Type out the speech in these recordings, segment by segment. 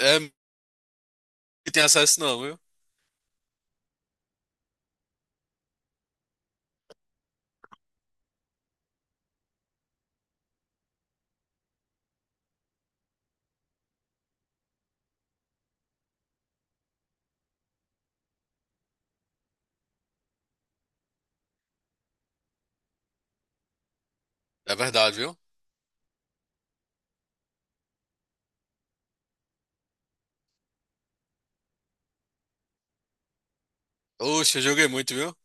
É, que tem acesso não, viu? É verdade, viu? Oxe, eu joguei muito, viu?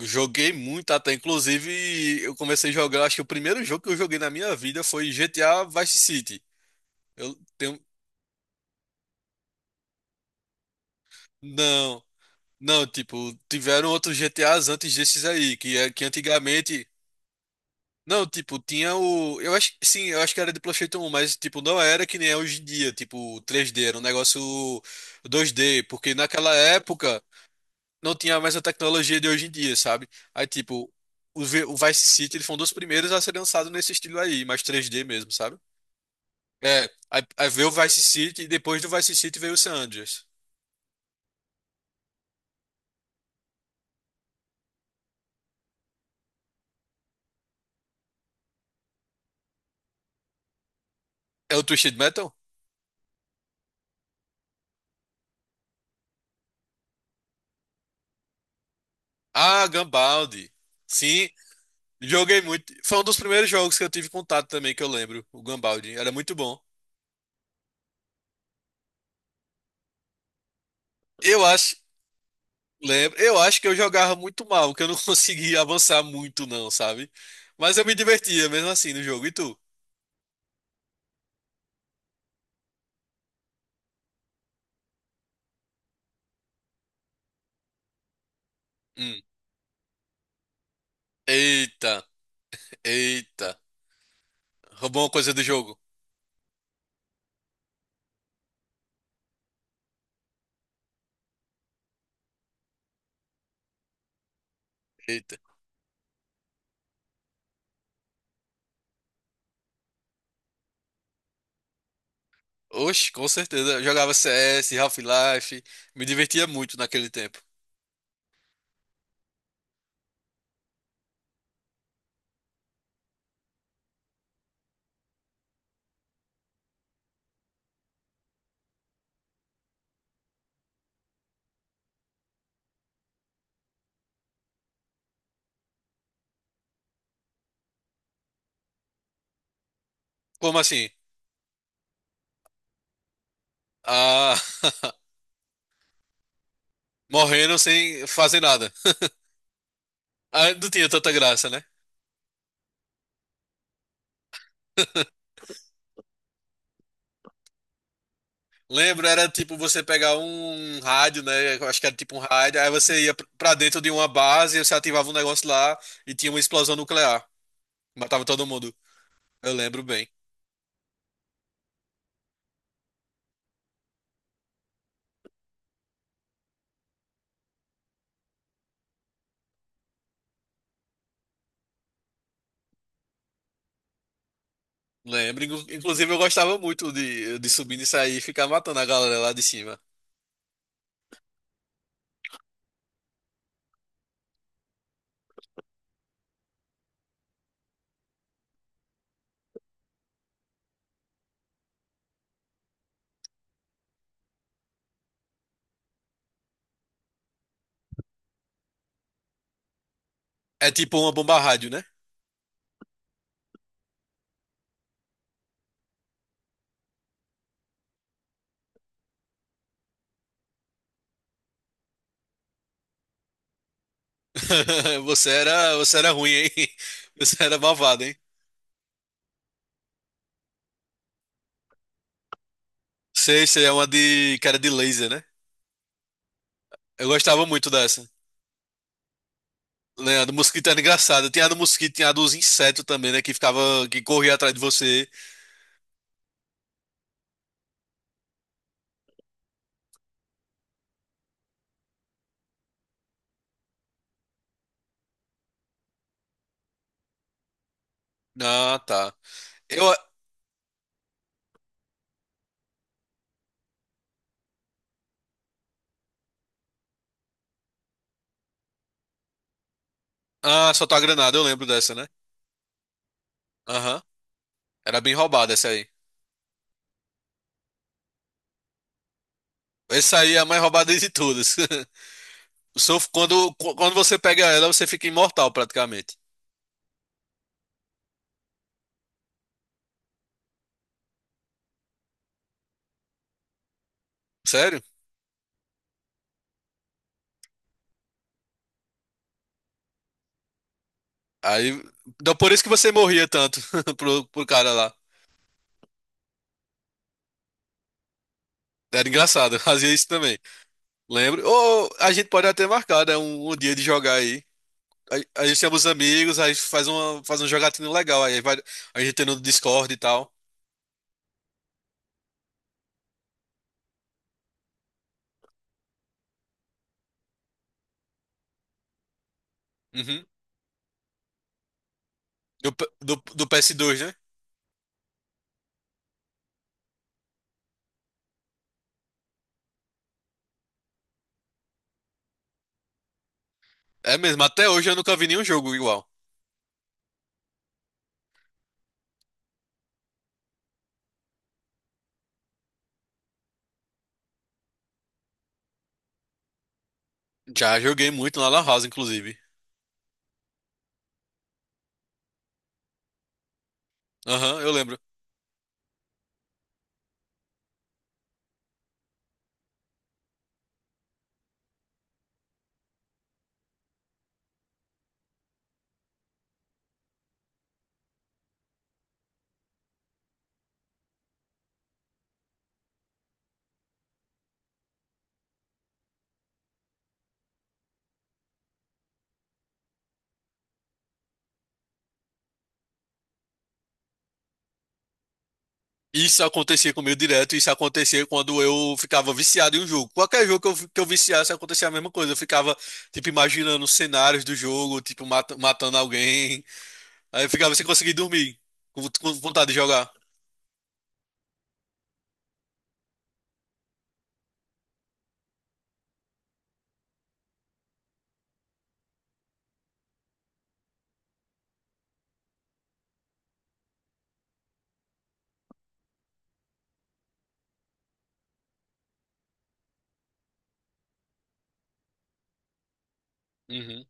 Joguei muito até. Inclusive, eu comecei a jogar, acho que o primeiro jogo que eu joguei na minha vida foi GTA Vice City. Eu tenho. Não, não, tipo, tiveram outros GTAs antes desses aí, que antigamente. Não, tipo, tinha o. Eu acho. Sim, eu acho que era de PlayStation 1, mas, tipo, não era que nem é hoje em dia, tipo, 3D, era um negócio 2D, porque naquela época não tinha mais a tecnologia de hoje em dia, sabe? Aí, tipo, o Vice City eles foram dos primeiros a ser lançado nesse estilo aí, mais 3D mesmo, sabe? É, aí veio o Vice City e depois do Vice City veio o San Andreas. É o Twisted Metal? Ah, Gunbound. Sim, joguei muito. Foi um dos primeiros jogos que eu tive contato também, que eu lembro, o Gunbound. Era muito bom. Eu acho, lembro, eu acho que eu jogava muito mal, que eu não conseguia avançar muito não, sabe? Mas eu me divertia mesmo assim no jogo. E tu? Hum. Eita. Eita, roubou uma coisa do jogo. Eita. Oxe, com certeza. Eu jogava CS, Half-Life, me divertia muito naquele tempo. Como assim? Ah, morrendo sem fazer nada. Ah, não tinha tanta graça, né? Lembro, era tipo você pegar um rádio, né? Eu acho que era tipo um rádio, aí você ia pra dentro de uma base, você ativava um negócio lá e tinha uma explosão nuclear. Matava todo mundo. Eu lembro bem. Lembro. Inclusive, eu gostava muito de subir e sair, e ficar matando a galera lá de cima. É tipo uma bomba rádio, né? Você era ruim, hein? Você era malvado, hein? Sei, sei, é uma de cara de laser, né? Eu gostava muito dessa. Né, a do mosquito era engraçado. Tinha a do mosquito, tinha a dos insetos também, né? Que ficava, que corria atrás de você. Ah, tá. Eu, ah, soltou a granada, eu lembro dessa, né? Aham. Era bem roubada essa aí. Essa aí é a mais roubada de todas. Só quando você pega ela, você fica imortal praticamente. Sério? Aí, então por isso que você morria tanto pro cara lá. Era engraçado, fazia isso também. Lembro. Ou a gente pode até marcar, né? Um dia de jogar aí. A gente chama os amigos, aí faz uma, faz um jogatinho legal. Aí vai, a gente tem no Discord e tal. Uhum. Do PS2, né? É mesmo, até hoje eu nunca vi nenhum jogo igual. Já joguei muito na Lan House, inclusive. Aham, eu lembro. Isso acontecia comigo direto, isso acontecia quando eu ficava viciado em um jogo. Qualquer jogo que eu viciasse, acontecia a mesma coisa. Eu ficava, tipo, imaginando os cenários do jogo, tipo, matando alguém. Aí eu ficava sem conseguir dormir, com vontade de jogar. Uhum.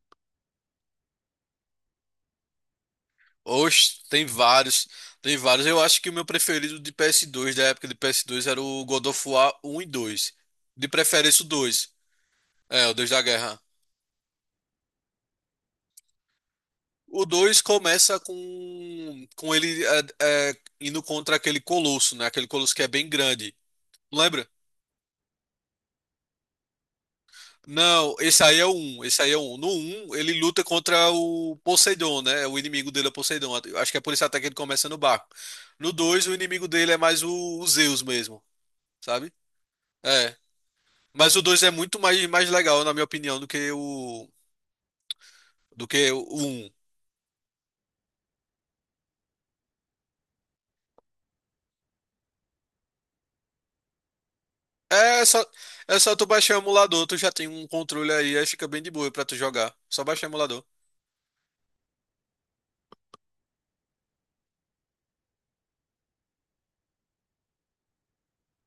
Oxe, tem vários. Tem vários. Eu acho que o meu preferido de PS2, da época de PS2, era o God of War um e dois. De preferência o 2. É, o Deus da Guerra. O 2 começa com, com ele indo contra aquele colosso, né? Aquele colosso que é bem grande. Não lembra? Não, esse aí é o 1. Esse aí é o 1. No um ele luta contra o Poseidon, né? O inimigo dele é o Poseidon. Eu acho que é por isso até que ele começa no barco. No 2 o inimigo dele é mais o Zeus mesmo, sabe? É. Mas o 2 é muito mais, mais legal, na minha opinião, do que o 1. É só, é só tu baixar o emulador, tu já tem um controle aí, aí fica bem de boa pra tu jogar. Só baixar o emulador.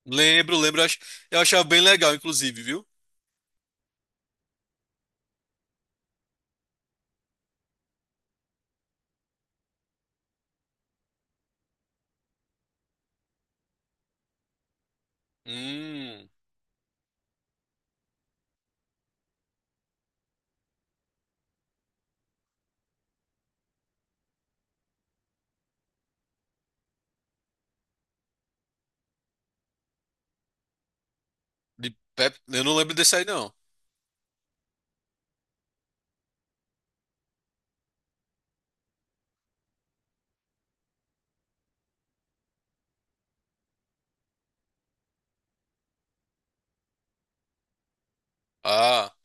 Lembro, eu achava bem legal, inclusive, viu? Hum, eu não lembro desse aí, não. Ah,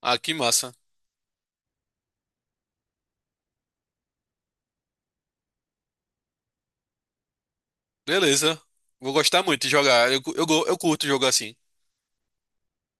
ah, que massa. Beleza. Vou gostar muito de jogar. Eu, cu- eu, go- eu curto jogo assim.